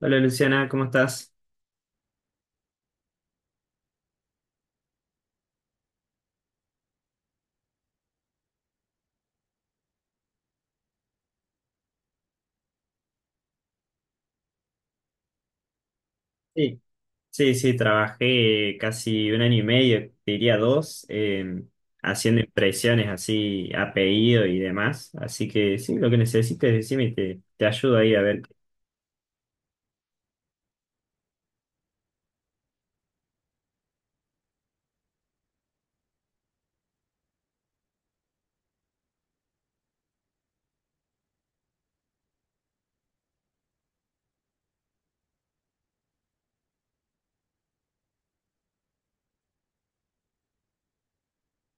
Hola Luciana, ¿cómo estás? Sí, sí, sí, trabajé casi un año y medio, te diría dos, haciendo impresiones así a pedido y demás. Así que sí, lo que necesites, decime y te ayudo ahí a ver.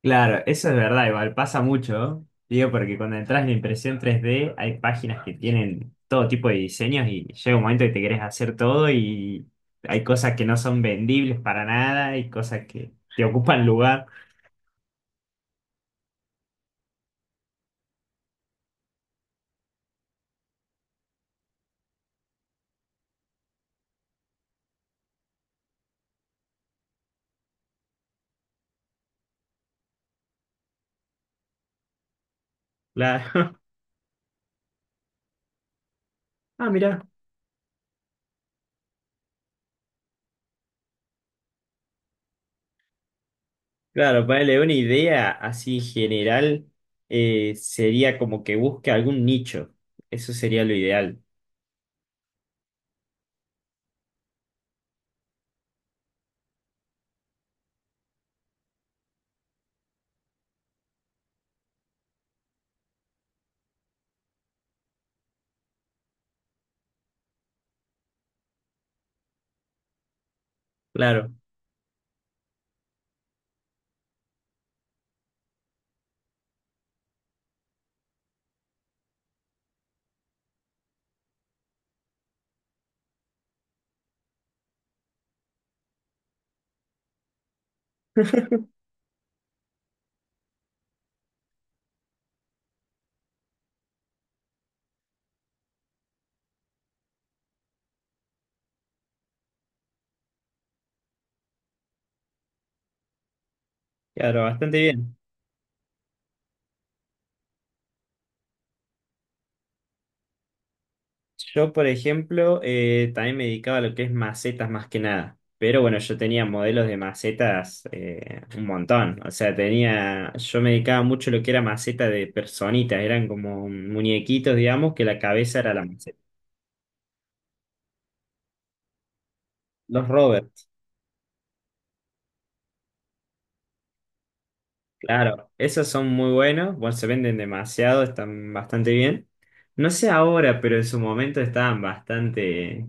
Claro, eso es verdad, igual pasa mucho, digo, porque cuando entras en impresión tres d hay páginas que tienen todo tipo de diseños y llega un momento que te querés hacer todo y hay cosas que no son vendibles para nada y cosas que te ocupan lugar. Claro. Ah, mira. Claro, ponerle una idea así general sería como que busque algún nicho. Eso sería lo ideal. Claro, claro, bastante bien. Yo, por ejemplo, también me dedicaba a lo que es macetas más que nada. Pero bueno, yo tenía modelos de macetas un montón. O sea, tenía, yo me dedicaba mucho a lo que era maceta de personitas. Eran como muñequitos, digamos, que la cabeza era la maceta. Los rovers. Claro, esos son muy buenos, bueno, se venden demasiado, están bastante bien. No sé ahora, pero en su momento estaban bastante,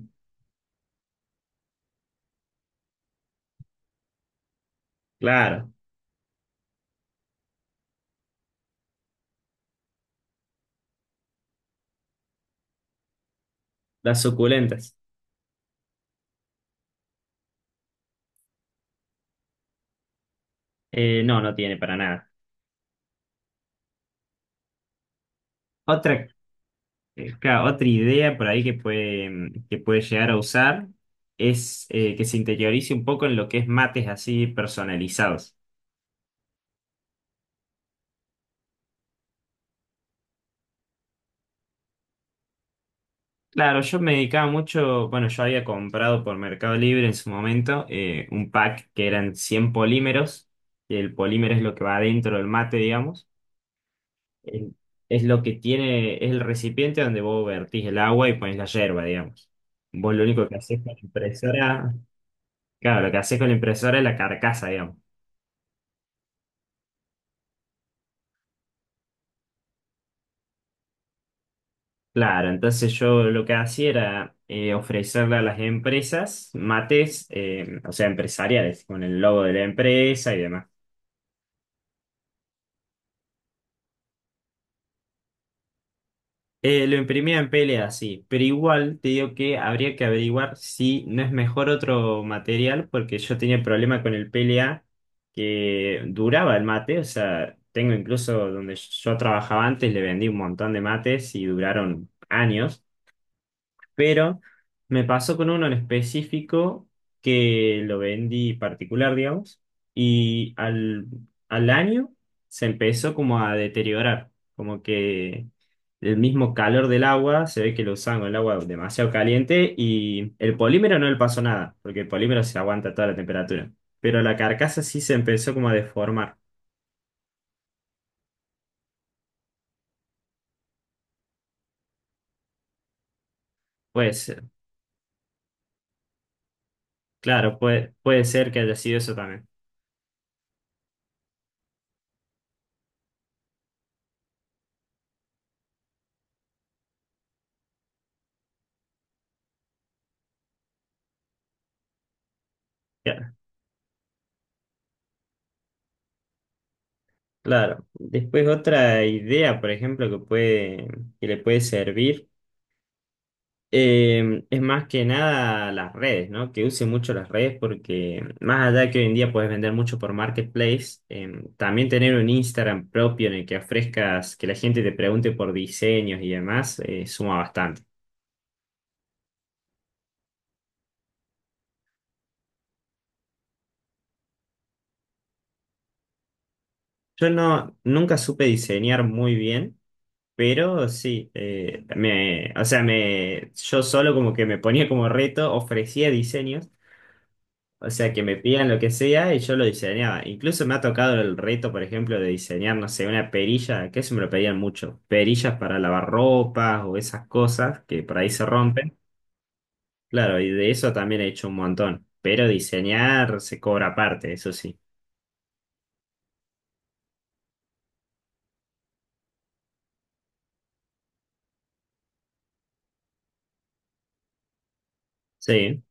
claro, las suculentas. No, no tiene para nada. Otra, claro, otra idea por ahí que puede, que puede llegar a usar es que se interiorice un poco en lo que es mates así personalizados. Claro, yo me dedicaba mucho, bueno, yo había comprado por Mercado Libre en su momento un pack que eran 100 polímeros, y el polímero es lo que va adentro del mate, digamos. El- es lo que tiene, es el recipiente donde vos vertís el agua y pones la yerba, digamos. Vos lo único que haces con la impresora, claro, lo que haces con la impresora es la carcasa, digamos. Claro, entonces yo lo que hacía era ofrecerle a las empresas mates, o sea, empresariales, con el logo de la empresa y demás. Lo imprimía en PLA, sí, pero igual te digo que habría que averiguar si no es mejor otro material, porque yo tenía problema con el PLA que duraba el mate, o sea, tengo incluso donde yo trabajaba antes, le vendí un montón de mates y duraron años, pero me pasó con uno en específico que lo vendí particular, digamos, y al, al año se empezó como a deteriorar, como que el mismo calor del agua, se ve que lo usaban con el agua demasiado caliente y el polímero no le pasó nada, porque el polímero se aguanta toda la temperatura, pero la carcasa sí se empezó como a deformar. Puede ser, claro, puede, puede ser que haya sido eso también. Claro. Después otra idea, por ejemplo, que puede, que le puede servir, es más que nada las redes, ¿no? Que use mucho las redes porque más allá de que hoy en día puedes vender mucho por Marketplace, también tener un Instagram propio en el que ofrezcas, que la gente te pregunte por diseños y demás, suma bastante. Yo no, nunca supe diseñar muy bien. Pero sí, me, o sea, me, yo solo como que me ponía como reto, ofrecía diseños. O sea, que me pidan lo que sea y yo lo diseñaba. Incluso me ha tocado el reto, por ejemplo, de diseñar, no sé, una perilla, que eso me lo pedían mucho. Perillas para lavar ropas o esas cosas que por ahí se rompen. Claro, y de eso también he hecho un montón. Pero diseñar se cobra aparte, eso sí. Sí,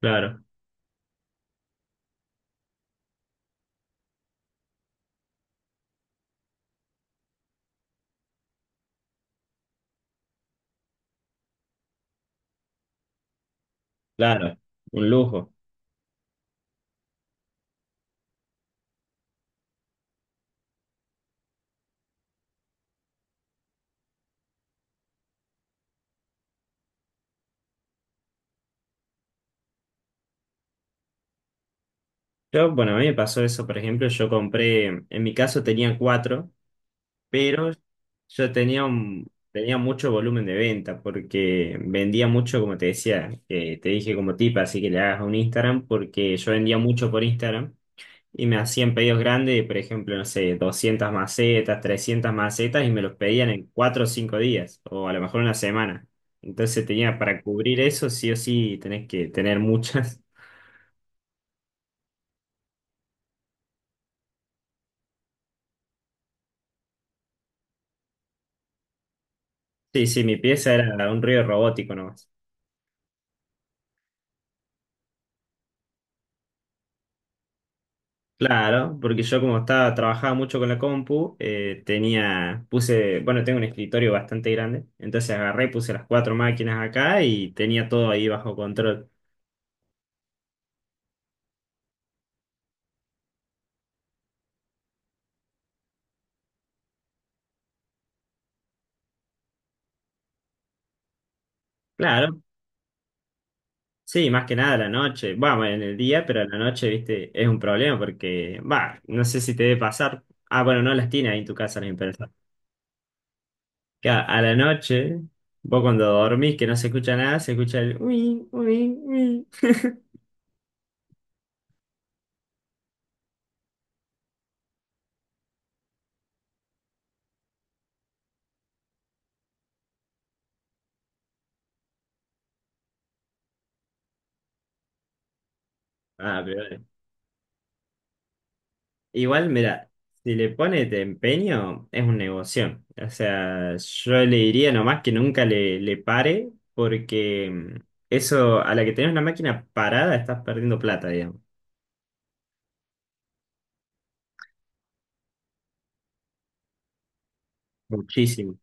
claro, claro, un lujo. Yo, bueno, a mí me pasó eso, por ejemplo, yo compré, en mi caso tenía cuatro. Pero yo tenía, tenía mucho volumen de venta porque vendía mucho, como te decía, te dije como tip, así que le hagas un Instagram porque yo vendía mucho por Instagram y me hacían pedidos grandes, por ejemplo, no sé, 200 macetas, 300 macetas y me los pedían en 4 o 5 días o a lo mejor una semana. Entonces tenía para cubrir eso, sí o sí, tenés que tener muchas. Sí, sí, mi pieza era un río robótico, ¿no? Claro, porque yo como estaba, trabajaba mucho con la compu, tenía, puse, bueno, tengo un escritorio bastante grande, entonces agarré y puse las cuatro máquinas acá y tenía todo ahí bajo control. Claro, sí, más que nada a la noche, vamos, en el día, pero a la noche, viste, es un problema porque, va, no sé si te debe pasar. Ah, bueno, no las tienes ahí en tu casa las impresoras. Que a la noche, vos cuando dormís que no se escucha nada, se escucha el uy, uy, uy. Ah, pero igual, mira, si le pone de empeño, es un negocio. O sea, yo le diría nomás que nunca le, le pare, porque eso, a la que tenés una máquina parada, estás perdiendo plata, digamos. Muchísimo.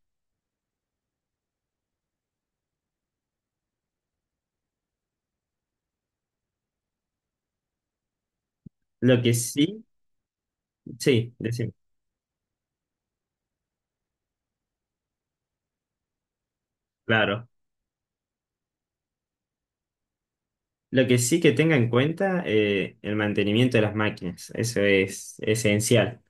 Lo que sí, sí, decime, claro. Lo que sí que tenga en cuenta, el mantenimiento de las máquinas. Eso es esencial.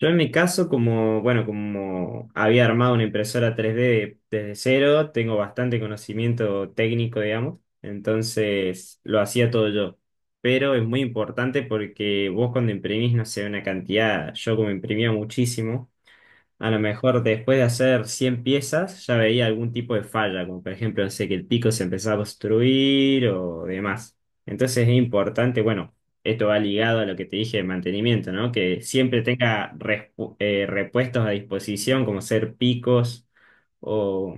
Yo en mi caso, como, bueno, como había armado una impresora 3D desde cero, tengo bastante conocimiento técnico, digamos, entonces lo hacía todo yo. Pero es muy importante porque vos cuando imprimís, no sé, una cantidad, yo como imprimía muchísimo, a lo mejor después de hacer 100 piezas ya veía algún tipo de falla, como por ejemplo, no sé, que el pico se empezaba a obstruir o demás. Entonces es importante, bueno, esto va ligado a lo que te dije de mantenimiento, ¿no? Que siempre tenga repuestos a disposición, como ser picos o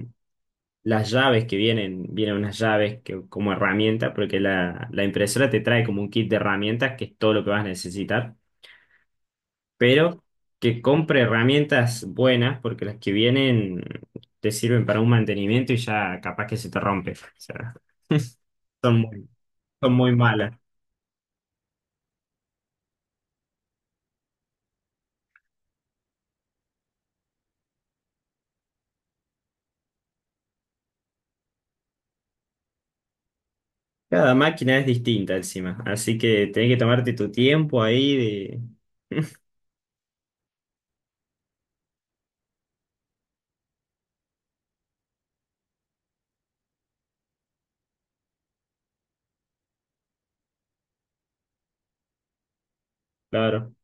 las llaves que vienen, vienen unas llaves que, como herramienta, porque la impresora te trae como un kit de herramientas que es todo lo que vas a necesitar, pero que compre herramientas buenas, porque las que vienen te sirven para un mantenimiento y ya capaz que se te rompe. O sea, son muy, son muy malas. Cada máquina es distinta encima, así que tenés que tomarte tu tiempo ahí de... Claro.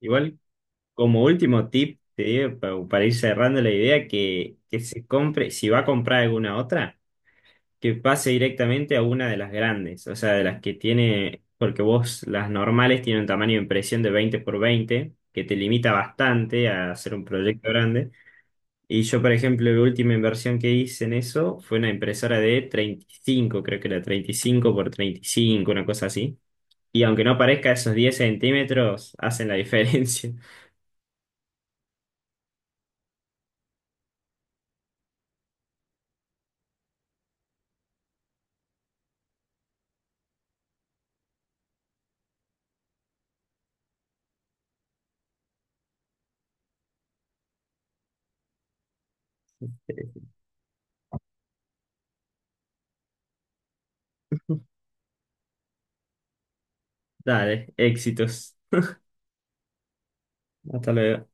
Igual, como último tip, te digo, para ir cerrando la idea, que se compre, si va a comprar alguna otra, que pase directamente a una de las grandes, o sea, de las que tiene, porque vos las normales tienen un tamaño de impresión de 20 por 20, que te limita bastante a hacer un proyecto grande. Y yo, por ejemplo, la última inversión que hice en eso fue una impresora de 35, creo que era 35 por 35, una cosa así. Y aunque no parezca, esos 10 centímetros hacen la diferencia. Dale, éxitos. Hasta luego.